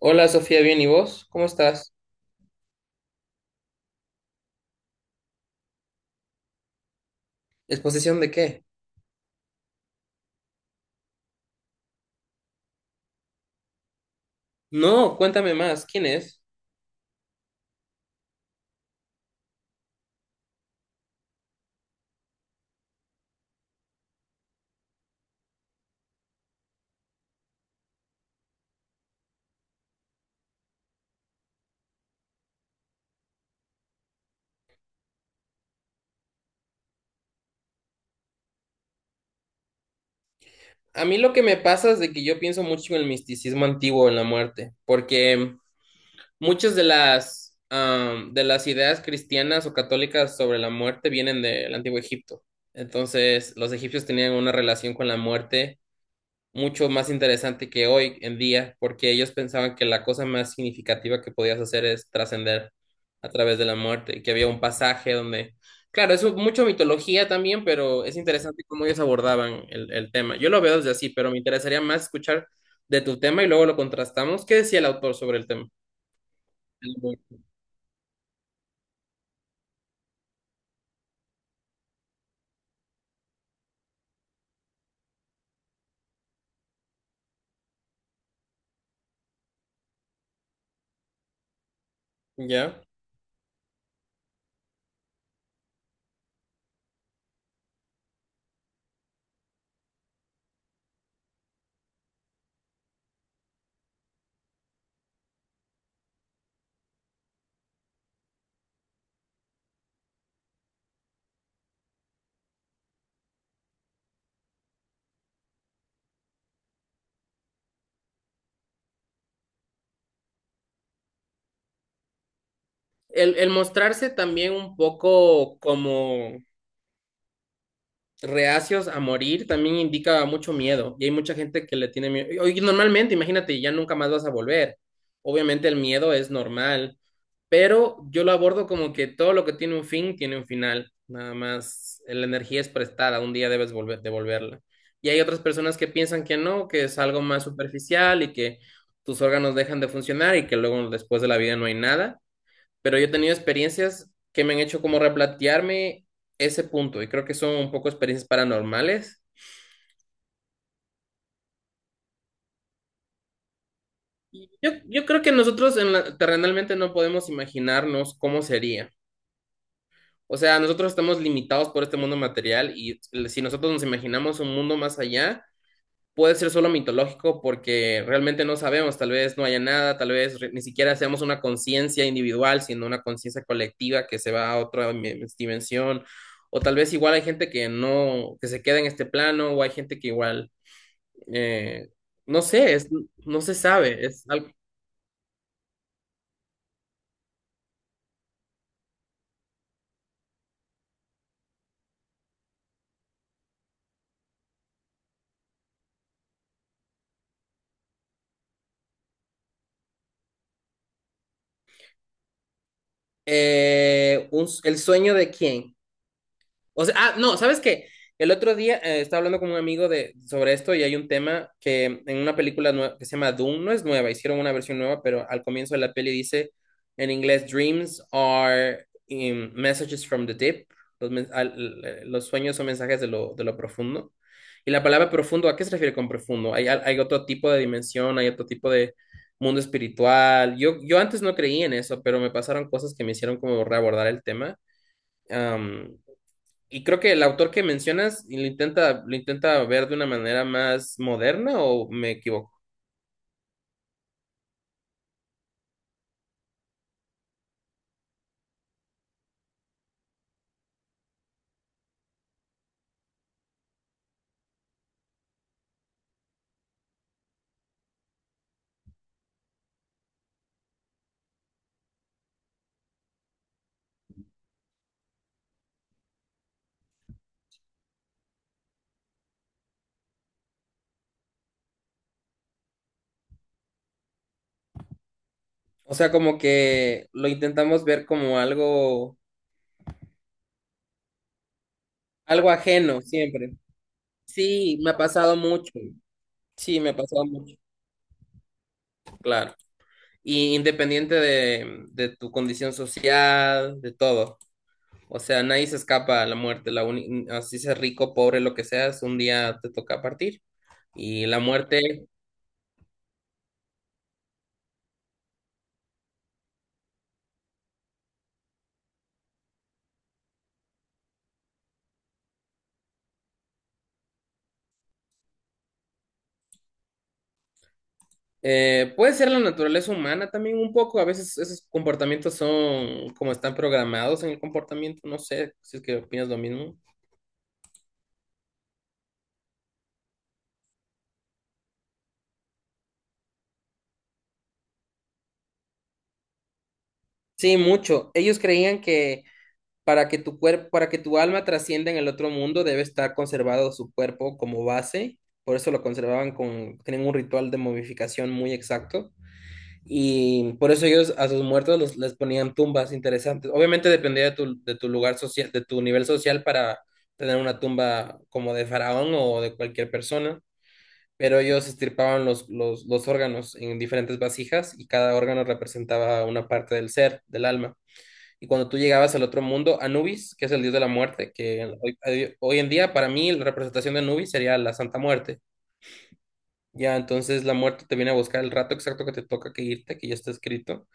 Hola Sofía, bien, ¿y vos? ¿Cómo estás? ¿Exposición de qué? No, cuéntame más, ¿quién es? A mí lo que me pasa es de que yo pienso mucho en el misticismo antiguo, en la muerte, porque muchas de las, de las ideas cristianas o católicas sobre la muerte vienen del Antiguo Egipto. Entonces, los egipcios tenían una relación con la muerte mucho más interesante que hoy en día, porque ellos pensaban que la cosa más significativa que podías hacer es trascender a través de la muerte, y que había un pasaje donde, claro, es mucho mitología también, pero es interesante cómo ellos abordaban el tema. Yo lo veo desde así, pero me interesaría más escuchar de tu tema y luego lo contrastamos. ¿Qué decía el autor sobre el tema? ¿Ya? El mostrarse también un poco como reacios a morir también indica mucho miedo y hay mucha gente que le tiene miedo. Oye, normalmente, imagínate, ya nunca más vas a volver. Obviamente el miedo es normal, pero yo lo abordo como que todo lo que tiene un fin tiene un final, nada más la energía es prestada, un día debes volver, devolverla. Y hay otras personas que piensan que no, que es algo más superficial y que tus órganos dejan de funcionar y que luego después de la vida no hay nada, pero yo he tenido experiencias que me han hecho como replantearme ese punto y creo que son un poco experiencias paranormales. Yo creo que nosotros en la- terrenalmente no podemos imaginarnos cómo sería. O sea, nosotros estamos limitados por este mundo material y si nosotros nos imaginamos un mundo más allá, puede ser solo mitológico porque realmente no sabemos, tal vez no haya nada, tal vez re- ni siquiera seamos una conciencia individual, sino una conciencia colectiva que se va a otra mi- dimensión, o tal vez igual hay gente que no, que se queda en este plano, o hay gente que igual, eh, no sé, es- no se sabe, es algo- un- el sueño de quién. O sea, ah, no, ¿sabes qué? El otro día estaba hablando con un amigo de, sobre esto y hay un tema que en una película nue- que se llama Doom, no es nueva, hicieron una versión nueva, pero al comienzo de la peli dice en inglés, Dreams are messages from the deep, los, men- al- los sueños son mensajes de lo profundo. Y la palabra profundo, ¿a qué se refiere con profundo? Hay, al- hay otro tipo de dimensión, hay otro tipo de mundo espiritual. Yo antes no creí en eso, pero me pasaron cosas que me hicieron como reabordar el tema. Y creo que el autor que mencionas lo intenta ver de una manera más moderna o me equivoco. O sea, como que lo intentamos ver como algo, algo ajeno siempre. Sí, me ha pasado mucho. Sí, me ha pasado mucho, claro. Y independiente de tu condición social, de todo. O sea, nadie se escapa a la muerte. La uni- así seas rico, pobre, lo que seas, un día te toca partir. Y la muerte. Puede ser la naturaleza humana también un poco, a veces esos comportamientos son como están programados en el comportamiento, no sé si es que opinas lo mismo. Sí, mucho. Ellos creían que para que tu cuerpo, para que tu alma trascienda en el otro mundo, debe estar conservado su cuerpo como base, por eso lo conservaban con, tienen un ritual de momificación muy exacto. Y por eso ellos a sus muertos los- les ponían tumbas interesantes. Obviamente dependía de tu lugar social, de tu nivel social para tener una tumba como de faraón o de cualquier persona, pero ellos estirpaban los órganos en diferentes vasijas y cada órgano representaba una parte del ser, del alma. Y cuando tú llegabas al otro mundo, Anubis, que es el dios de la muerte, que hoy, hoy en día para mí la representación de Anubis sería la Santa Muerte. Ya, entonces la muerte te viene a buscar el rato exacto que te toca que irte, que ya está escrito,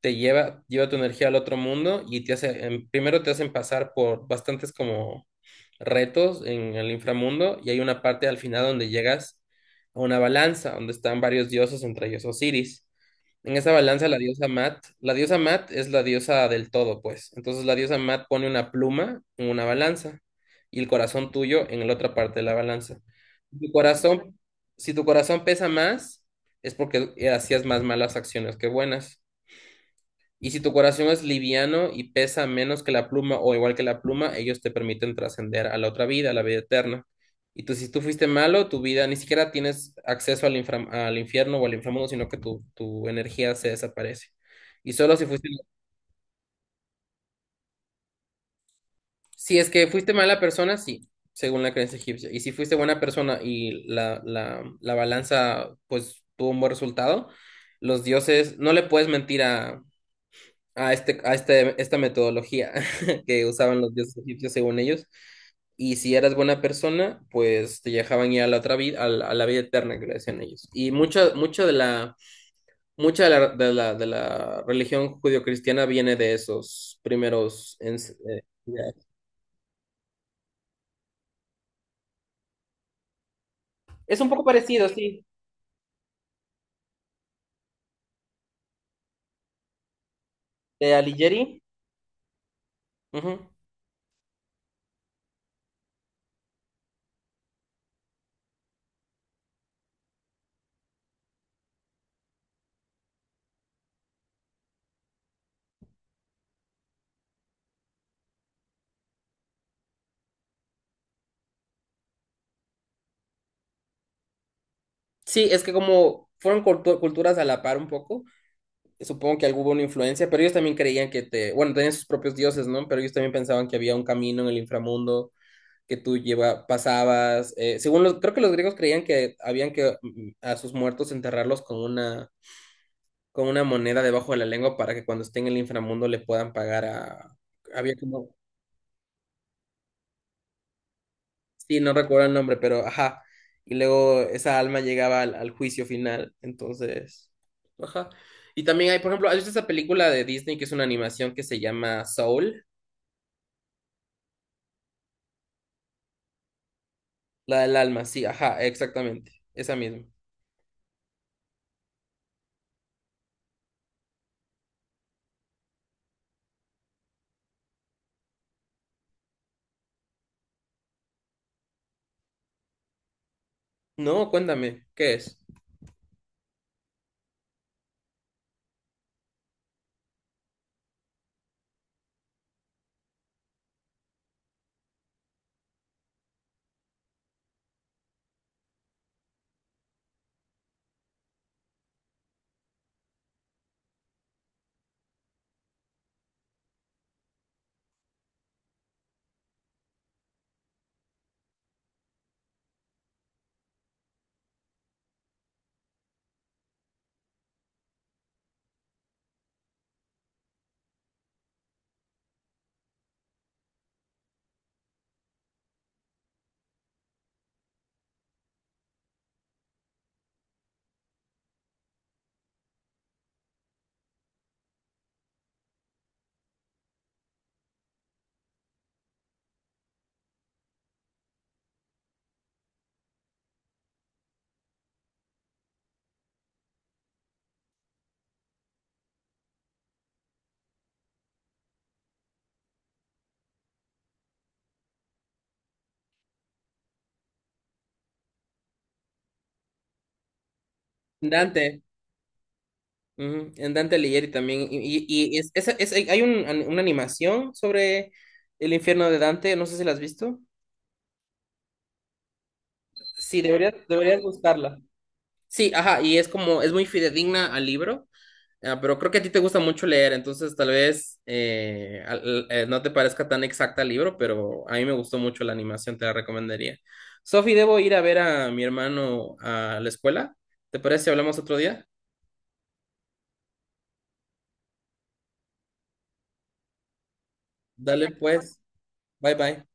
te lleva, lleva tu energía al otro mundo y te hace, primero te hacen pasar por bastantes como retos en el inframundo y hay una parte al final donde llegas a una balanza donde están varios dioses, entre ellos Osiris. En esa balanza la diosa Mat es la diosa del todo, pues. Entonces la diosa Mat pone una pluma en una balanza y el corazón tuyo en la otra parte de la balanza. Si Tu corazón, si tu corazón pesa más, es porque hacías más malas acciones que buenas. Y si tu corazón es liviano y pesa menos que la pluma o igual que la pluma, ellos te permiten trascender a la otra vida, a la vida eterna. Y tú, si tú fuiste malo, tu vida ni siquiera tienes acceso al, infra- al infierno o al inframundo, sino que tu energía se desaparece. Y solo si fuiste, si es que fuiste mala persona, sí, según la creencia egipcia. Y si fuiste buena persona y la balanza, pues, tuvo un buen resultado, los dioses, no le puedes mentir a, este, a este- esta metodología que usaban los dioses egipcios según ellos. Y si eras buena persona, pues te dejaban ir a la otra vida, a la vida eterna que le decían ellos. Y mucha, mucha de la, de la, de la religión judio-cristiana viene de esos primeros ens- ideas. Es un poco parecido, sí, de Alighieri. Ujú. Sí, es que como fueron cultu- culturas a la par un poco. Supongo que hubo una influencia, pero ellos también creían que te, bueno, tenían sus propios dioses, ¿no? Pero ellos también pensaban que había un camino en el inframundo que tú lleva, pasabas. Según los, creo que los griegos creían que habían que a sus muertos enterrarlos con una moneda debajo de la lengua para que cuando estén en el inframundo le puedan pagar a, había como, sí, no recuerdo el nombre, pero ajá. Y luego esa alma llegaba al, al juicio final, entonces, ajá. Y también hay, por ejemplo, hay esta película de Disney que es una animación que se llama Soul. La del alma, sí, ajá, exactamente. Esa misma. No, cuéntame, ¿qué es? Dante. Ujú, en Dante Alighieri también. Y es, esa- es- hay un- una animación sobre el infierno de Dante, no sé si la has visto. Sí, deberías, deberías buscarla. Sí, ajá, y es como, es muy fidedigna al libro. Ah, pero creo que a ti te gusta mucho leer, entonces tal vez al- no te parezca tan exacta el libro, pero a mí me gustó mucho la animación, te la recomendaría. Sofi, debo ir a ver a mi hermano a la escuela. ¿Te parece si hablamos otro día? Dale pues, bye bye.